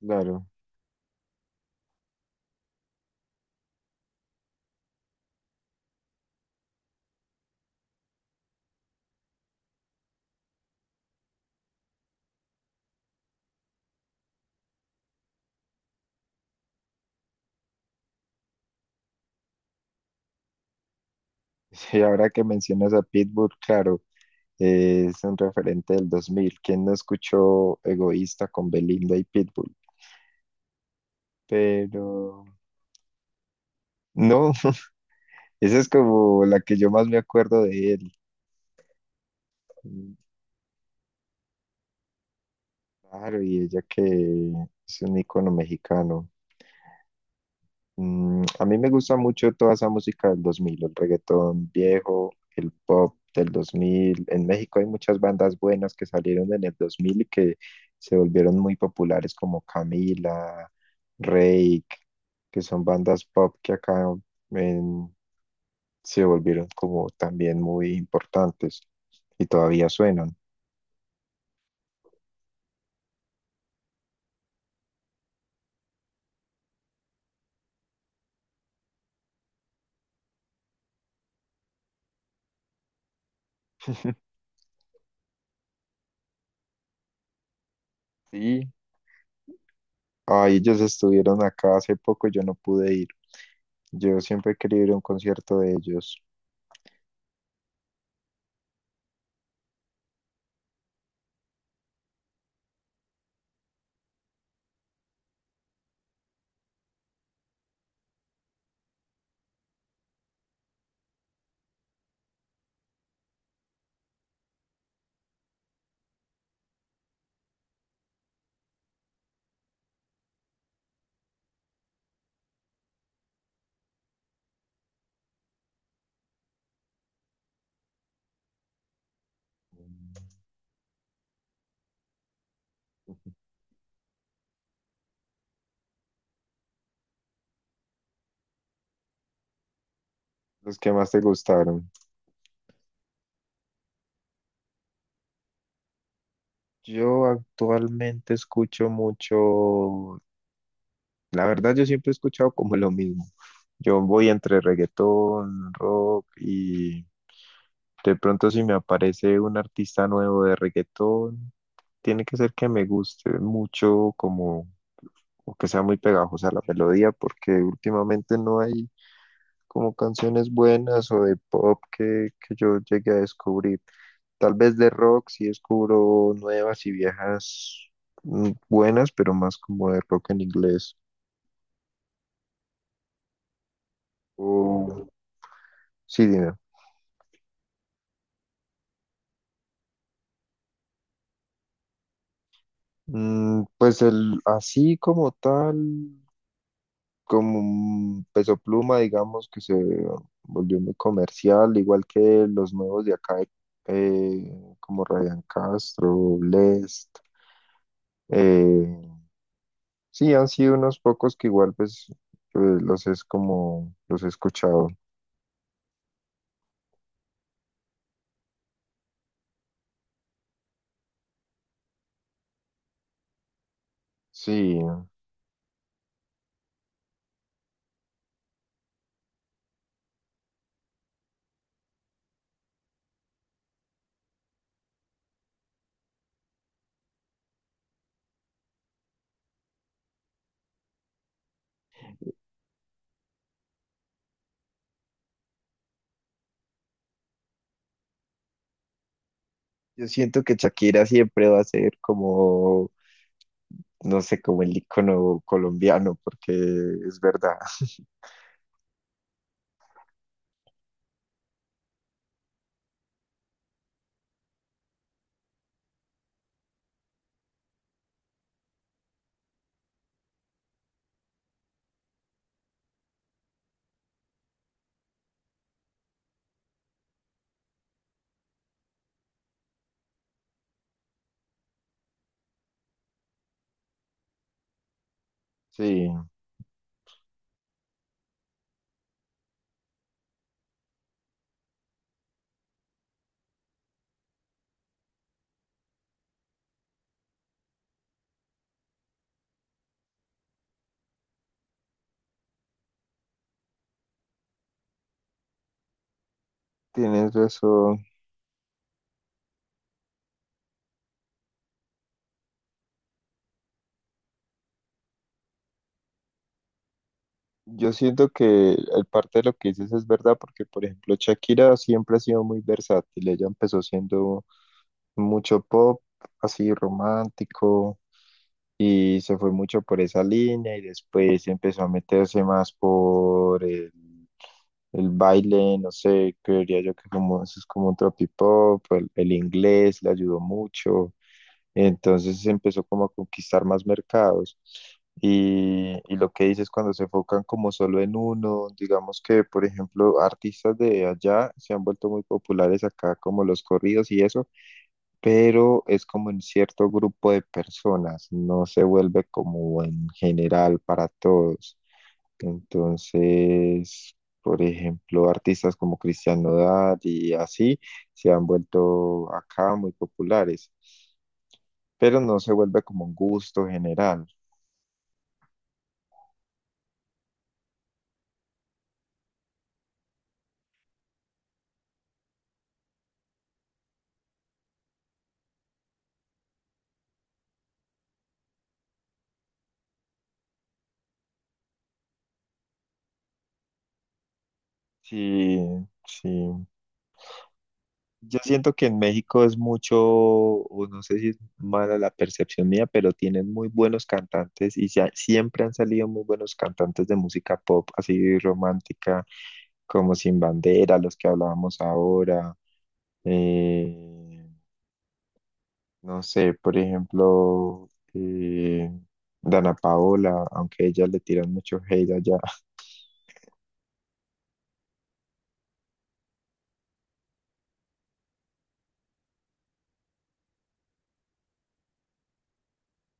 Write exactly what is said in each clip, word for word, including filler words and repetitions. Claro. Y ahora que mencionas a Pitbull, claro, eh, es un referente del dos mil. ¿Quién no escuchó Egoísta con Belinda y Pitbull? Pero no, esa es como la que yo más me acuerdo de él. Mm, claro, y ella que es un ícono mexicano. Mm, a mí me gusta mucho toda esa música del dos mil, el reggaetón viejo, el pop del dos mil. En México hay muchas bandas buenas que salieron en el dos mil y que se volvieron muy populares, como Camila, Reik, que son bandas pop que acá en- se volvieron como también muy importantes y todavía suenan. Sí, ay, ellos estuvieron acá hace poco, yo no pude ir. Yo siempre he querido ir a un concierto de ellos. Los que más te gustaron. Yo actualmente escucho mucho, la verdad yo siempre he escuchado como lo mismo. Yo voy entre reggaetón, rock y de pronto, si me aparece un artista nuevo de reggaetón, tiene que ser que me guste mucho, como o que sea muy pegajosa la melodía, porque últimamente no hay como canciones buenas o de pop que, que yo llegue a descubrir. Tal vez de rock sí descubro nuevas y viejas, mm, buenas, pero más como de rock en inglés. O, sí, dime. Mm, pues el, así como tal, como un Peso Pluma, digamos, que se volvió muy comercial, igual que los nuevos de acá, eh, como Ryan Castro, Blest. Eh, sí, han sido unos pocos que igual pues eh, los es como los he escuchado. Sí. Yo siento que Shakira siempre va a ser como, no sé, como el icono colombiano, porque es verdad. Sí, tienes razón. Yo siento que el parte de lo que dices es verdad, porque por ejemplo Shakira siempre ha sido muy versátil. Ella empezó siendo mucho pop, así romántico, y se fue mucho por esa línea, y después empezó a meterse más por el El baile. No sé, creería yo que como eso es como un tropipop, el, el inglés le ayudó mucho, entonces empezó como a conquistar más mercados. Y, y lo que dices cuando se enfocan como solo en uno, digamos que, por ejemplo, artistas de allá se han vuelto muy populares acá, como los corridos y eso, pero es como en cierto grupo de personas, no se vuelve como en general para todos. Entonces, por ejemplo, artistas como Cristian Nodal y así se han vuelto acá muy populares, pero no se vuelve como un gusto general. Sí, sí. Yo siento que en México es mucho, o no sé si es mala la percepción mía, pero tienen muy buenos cantantes y se ha- siempre han salido muy buenos cantantes de música pop, así romántica, como Sin Bandera, los que hablábamos ahora. Eh, No sé, por ejemplo, eh, Dana Paola, aunque a ella le tiran mucho hate allá.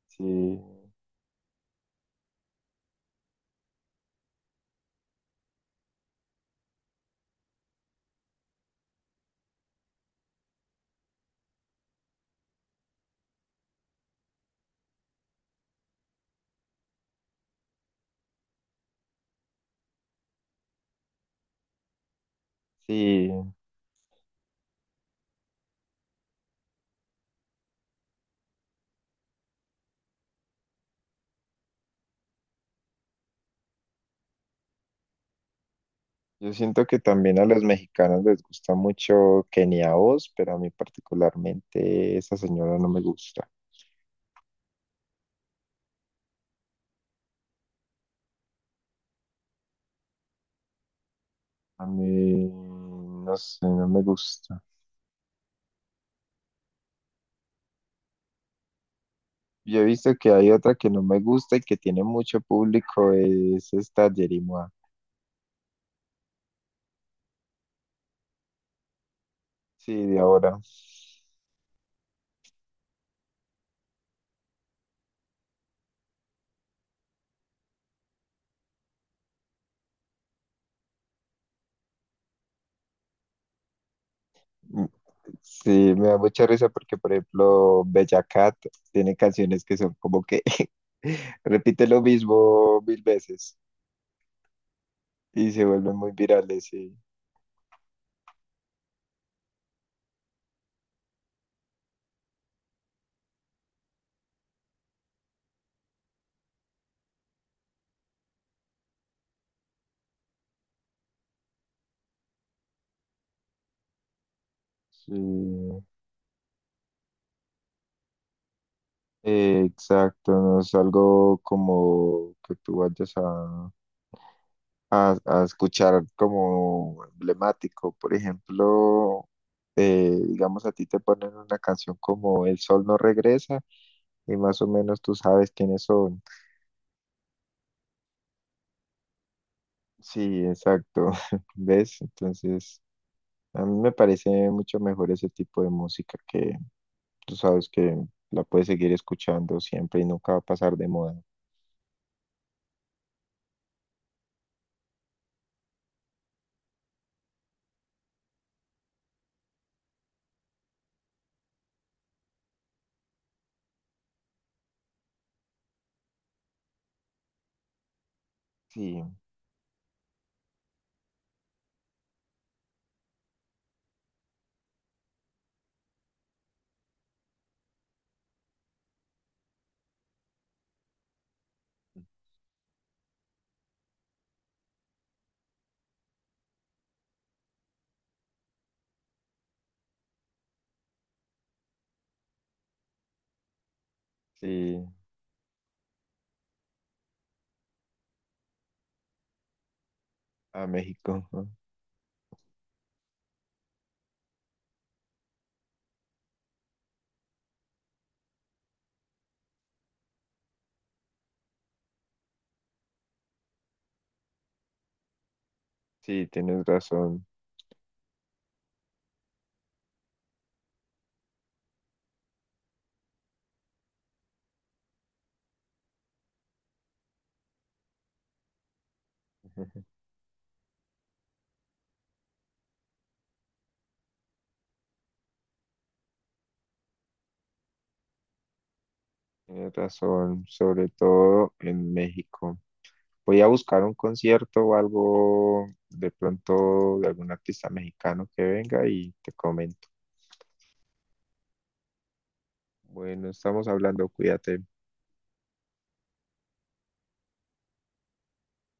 Sí, sí, yo siento que también a los mexicanos les gusta mucho Kenia Oz, pero a mí particularmente esa señora no me gusta. A mí, no sé, no me gusta. Yo he visto que hay otra que no me gusta y que tiene mucho público, es esta Jerimoa. Sí, de ahora. Sí, me da mucha risa porque, por ejemplo, Bella Cat tiene canciones que son como que repite lo mismo mil veces y se vuelven muy virales. Sí, sí, eh, exacto. No es algo como que tú vayas a, a, a escuchar como emblemático. Por ejemplo, eh, digamos, a ti te ponen una canción como El sol no regresa y más o menos tú sabes quiénes son. Sí, exacto. ¿Ves? Entonces, a mí me parece mucho mejor ese tipo de música que tú sabes que la puedes seguir escuchando siempre y nunca va a pasar de moda. Sí, sí, a México, ¿no? Sí, tienes razón. Tienes razón, sobre todo en México. Voy a buscar un concierto o algo de pronto de algún artista mexicano que venga y te comento. Bueno, estamos hablando, cuídate.